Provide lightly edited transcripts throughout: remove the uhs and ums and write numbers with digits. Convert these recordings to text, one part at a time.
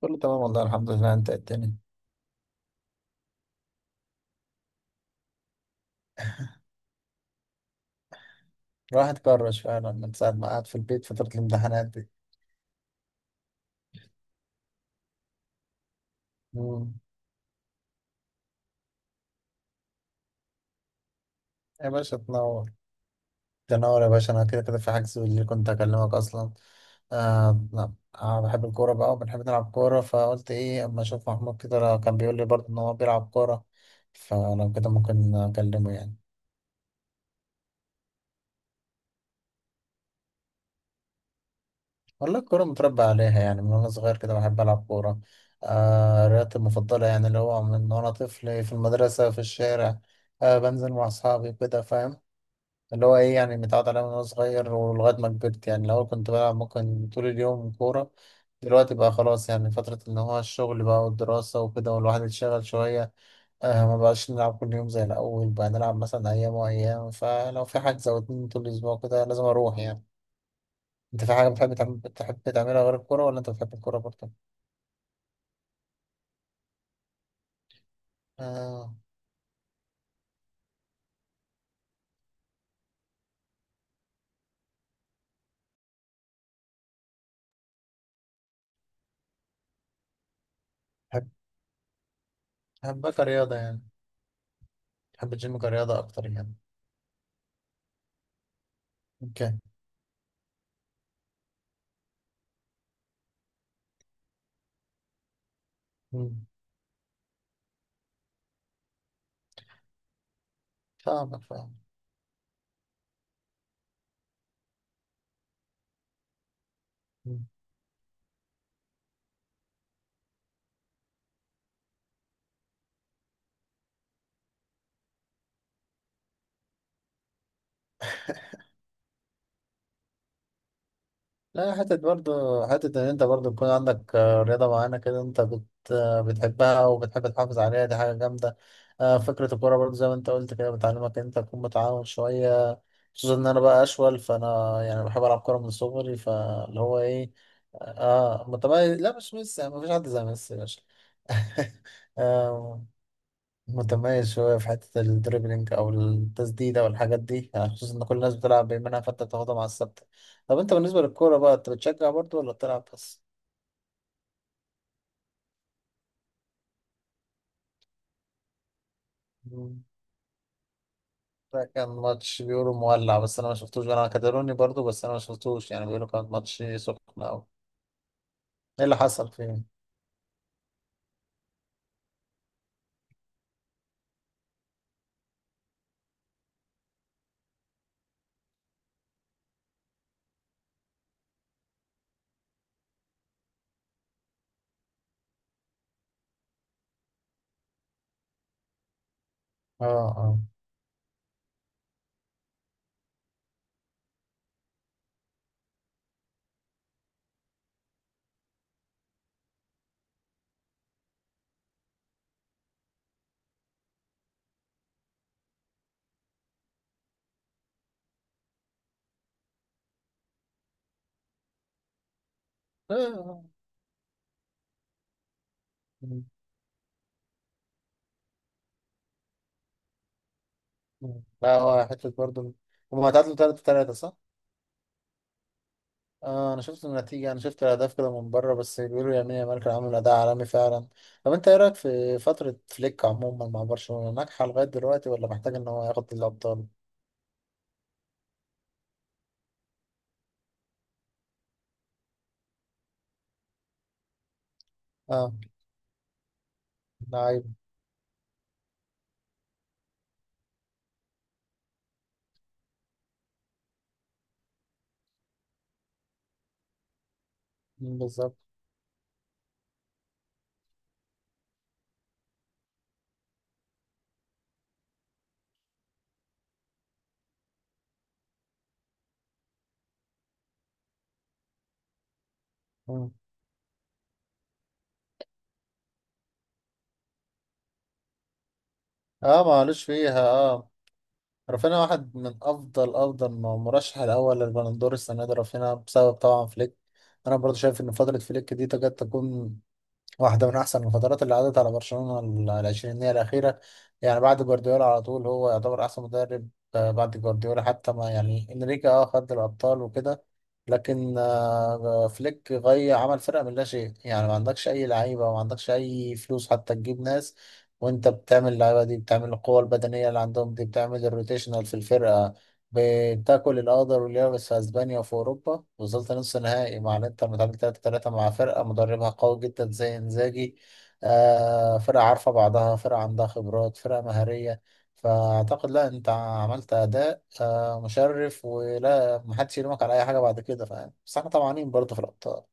كله تمام، والله الحمد لله. انت إيه الدنيا؟ الواحد كرش فعلا من ساعة ما قعد في البيت فترة الامتحانات دي. مم. يا باشا تنور. تنور يا باشا، انا كده كده في حجز، اللي كنت اكلمك اصلا. آه، لا، آه، بحب الكورة بقى وبنحب نلعب كورة، فقلت ايه اما اشوف محمود كده لو كان بيقول لي برضه ان هو بيلعب كورة، فلو كده ممكن اكلمه يعني. والله الكورة متربى عليها يعني من وانا صغير كده بحب العب كورة. آه، رياضتي المفضلة، يعني اللي هو من وانا طفل في المدرسة في الشارع. آه، بنزل مع أصحابي كده فاهم. اللي هو ايه يعني متعود عليها من وانا صغير ولغاية ما كبرت يعني. الأول كنت بلعب ممكن طول اليوم كورة، دلوقتي بقى خلاص يعني فترة إن هو الشغل بقى والدراسة وكده والواحد اتشغل شوية. آه، ما بقاش نلعب كل يوم زي الأول، بقى نلعب مثلا أيام وأيام، فلو في حجز أو اتنين طول الأسبوع كده لازم أروح يعني. أنت في حاجة بتحب بتحب تعملها غير الكورة، ولا أنت بتحب الكورة برضه؟ آه، بحب بحبها كرياضة يعني. بحب الجيم كرياضة أكتر يعني. أوكي. مم. فاهمك فاهمك. لا، حتة برضه، حتة إن أنت برضه يكون عندك، آه، رياضة معينة كده. أنت بت آه، بتحبها وبتحب تحافظ عليها، دي حاجة جامدة. آه، فكرة الكورة برضه زي ما أنت قلت كده بتعلمك إن أنت تكون متعاون شوية، خصوصا إن أنا بقى أشول فأنا يعني بحب ألعب كورة من صغري فاللي هو إيه. آه، متميز. لا مش ميسي يعني، مفيش حد زي ميسي يا باشا. متميز شوية في حتة الدريبلينج أو التسديدة والحاجات دي يعني، خصوصا إن كل الناس بتلعب بيمينها فأنت بتاخدها مع الثابتة. طب أنت بالنسبة للكورة بقى، أنت بتشجع برضو ولا بتلعب بس؟ مم. ده كان ماتش بيقولوا مولع بس أنا ما شفتوش، أنا كاتالوني برضو بس أنا ما شفتوش يعني، بيقولوا كان ماتش سخن أوي. إيه اللي حصل فيه؟ آه، آه. آه، آه. مم. مم. لا هو حتة برضو. هما تعادلوا 3-3 صح؟ اه، انا شفت النتيجة، انا شفت الاهداف كده من بره بس بيقولوا يمين يامال كان عامل اداء عالمي فعلا. طب انت ايه رايك في فترة فليك عموما مع برشلونة، ناجحة لغاية دلوقتي ولا محتاج ان هو ياخد الابطال؟ اه، لعيب. مم، بالظبط. مم. اه، معلش فيها، اه، رافينيا واحد من افضل افضل مرشح الاول للبالندور السنة دي رافينيا، بسبب طبعا فليك. انا برضو شايف ان فترة فليك دي تكاد تكون واحدة من أحسن الفترات اللي عدت على برشلونة العشرينية الأخيرة. يعني بعد جوارديولا على طول هو يعتبر أحسن مدرب. آه، بعد جوارديولا حتى ما يعني إنريكي خد الأبطال وكده، لكن آه، فليك غي عمل فرقة من لا شيء. يعني ما عندكش أي لعيبة وما عندكش أي فلوس حتى تجيب ناس، وأنت بتعمل اللعيبة دي، بتعمل القوة البدنية اللي عندهم دي، بتعمل الروتيشنال في الفرقة، بتاكل الأخضر واليابس في أسبانيا وفي أوروبا، وصلت نص نهائي مع الإنتر متعادل 3-3 مع فرقة مدربها قوي جدا زي إنزاجي، آه، فرقة عارفة بعضها، فرقة عندها خبرات، فرقة مهارية. فأعتقد لا أنت عملت أداء آه مشرف، ولا محدش يلومك على أي حاجة بعد كده فاهم، بس احنا طمعانين برضه في الأبطال.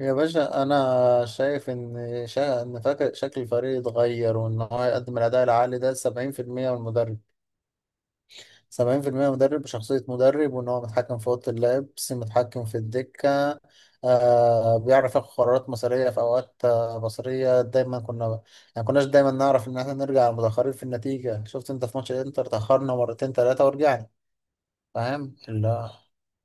يا باشا أنا شايف إن فاكر شكل الفريق اتغير، وإن هو يقدم الأداء العالي ده 70% من المدرب. 70% مدرب بشخصية مدرب، وإن هو متحكم في أوضة اللبس، متحكم في الدكة. آه، بيعرف ياخد قرارات مصيرية في أوقات، آه، بصرية دايما كنا، يعني كناش دايما نعرف إن احنا نرجع متأخرين في النتيجة. شفت أنت في ماتش الإنتر تأخرنا مرتين تلاتة ورجعنا، فاهم اللي هو.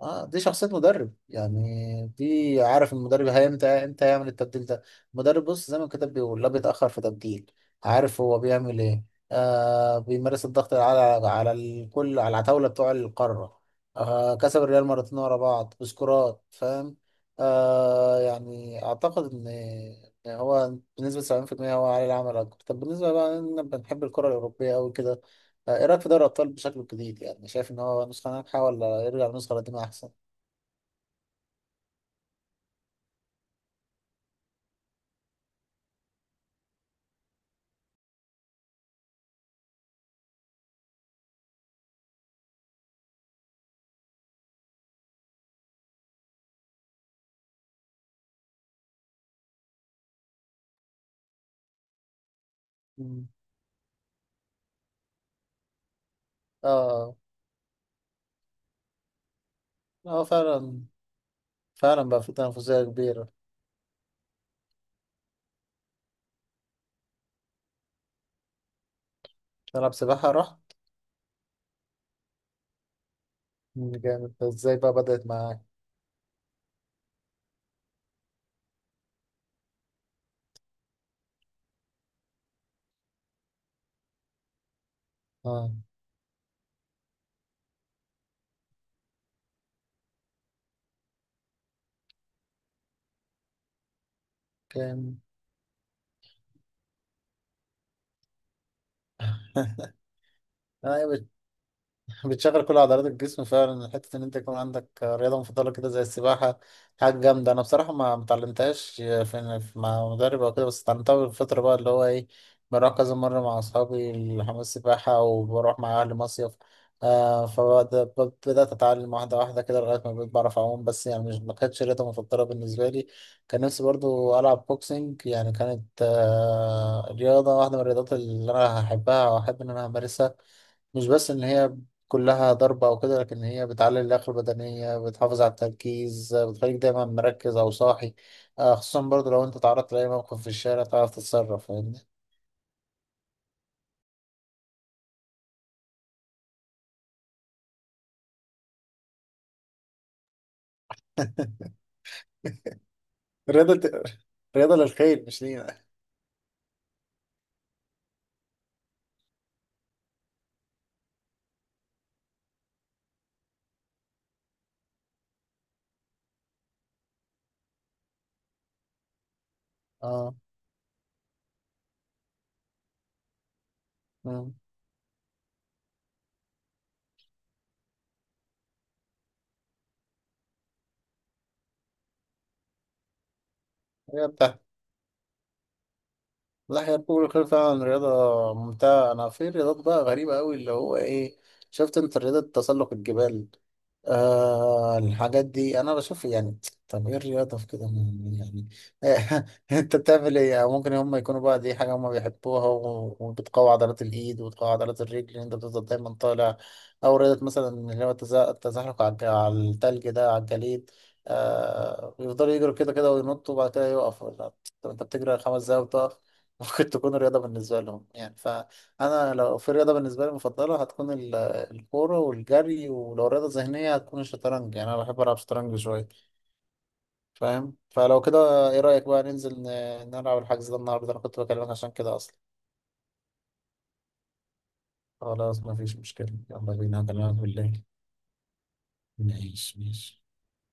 اه، دي شخصية مدرب يعني، دي عارف المدرب هي امتى يعمل التبديل ده. المدرب بص زي ما الكتاب بيقول، لا بيتأخر في تبديل، عارف هو بيعمل ايه. آه، بيمارس الضغط على الكل، على العتاولة بتوع القارة. آه، كسب الريال مرتين ورا بعض بسكورات فاهم. آه، يعني اعتقد ان إن هو بنسبة 70% هو عليه العمل اكتر. طب بالنسبة بقى إن احنا بنحب الكرة الأوروبية أوي كده، آه، ايه رايك في دوري الابطال بشكل جديد؟ يعني شايف ان هو نسخه ناجحه، ولا يرجع للنسخه القديمه احسن؟ مم. اه. اه، هو فعلا فعلا بقى في تنافسيه كبيره. تلعب سباحه راح؟ مم، جامد. ازاي بقى بدات معاك؟ اه، كان. ايوه، بتشغل كل عضلات الجسم فعلا. حتة إن أنت يكون عندك رياضة مفضلة كده زي السباحة حاجة جامدة. أنا بصراحة ما متعلمتهاش في مع مدرب أو كده، بس اتعلمتها بالفترة بقى اللي هو إيه، بروح كذا مرة مع أصحابي الحمام السباحة وبروح مع أهلي مصيف. آه، فبدأت أتعلم واحدة واحدة كده لغاية ما بقيت بعرف أعوم بس، يعني مش، ما كانتش رياضة مفضلة بالنسبة لي. كان نفسي برضو ألعب بوكسينج يعني، كانت آه رياضة واحدة من الرياضات اللي أنا هحبها وأحب إن أنا أمارسها. مش بس إن هي كلها ضربة أو كده، لكن هي بتعلي اللياقة البدنية، بتحافظ على التركيز، بتخليك دايما مركز أو صاحي. آه، خصوصا برضو لو أنت تعرضت لأي موقف في الشارع تعرف تتصرف فاهمني. رياضة، رياضة للخير مش لينا. اه. مم. هي بتاعت، لا هي ركوب الخيل فعلا رياضة ممتعة. أنا في رياضات بقى غريبة أوي اللي هو إيه، شفت أنت رياضة تسلق الجبال؟ آه، الحاجات دي انا بشوف يعني طب ايه الرياضه في كده يعني. انت بتعمل ايه يعني؟ ممكن هم يكونوا بقى دي حاجه هم بيحبوها، وبتقوي عضلات الايد وبتقوي عضلات الرجل ان انت بتفضل دايما طالع. او رياضه مثلا اللي هو التزحلق على التلج ده، على الجليد، آه، يفضلوا يجروا كده كده وينطوا وبعد كده يقفوا. لا، طب انت بتجري 5 دقايق وتقف؟ ممكن تكون رياضه بالنسبه لهم يعني. فانا لو في رياضه بالنسبه لي مفضله هتكون الكورة والجري، ولو رياضة ذهنية هتكون الشطرنج. يعني أنا بحب ألعب شطرنج شوية فاهم. فلو كده إيه رأيك بقى ننزل نلعب الحجز ده النهاردة، أنا كنت بكلمك عشان كده أصلا. خلاص مفيش مشكلة، يلا بينا، هكلمك بالليل. ماشي ماشي.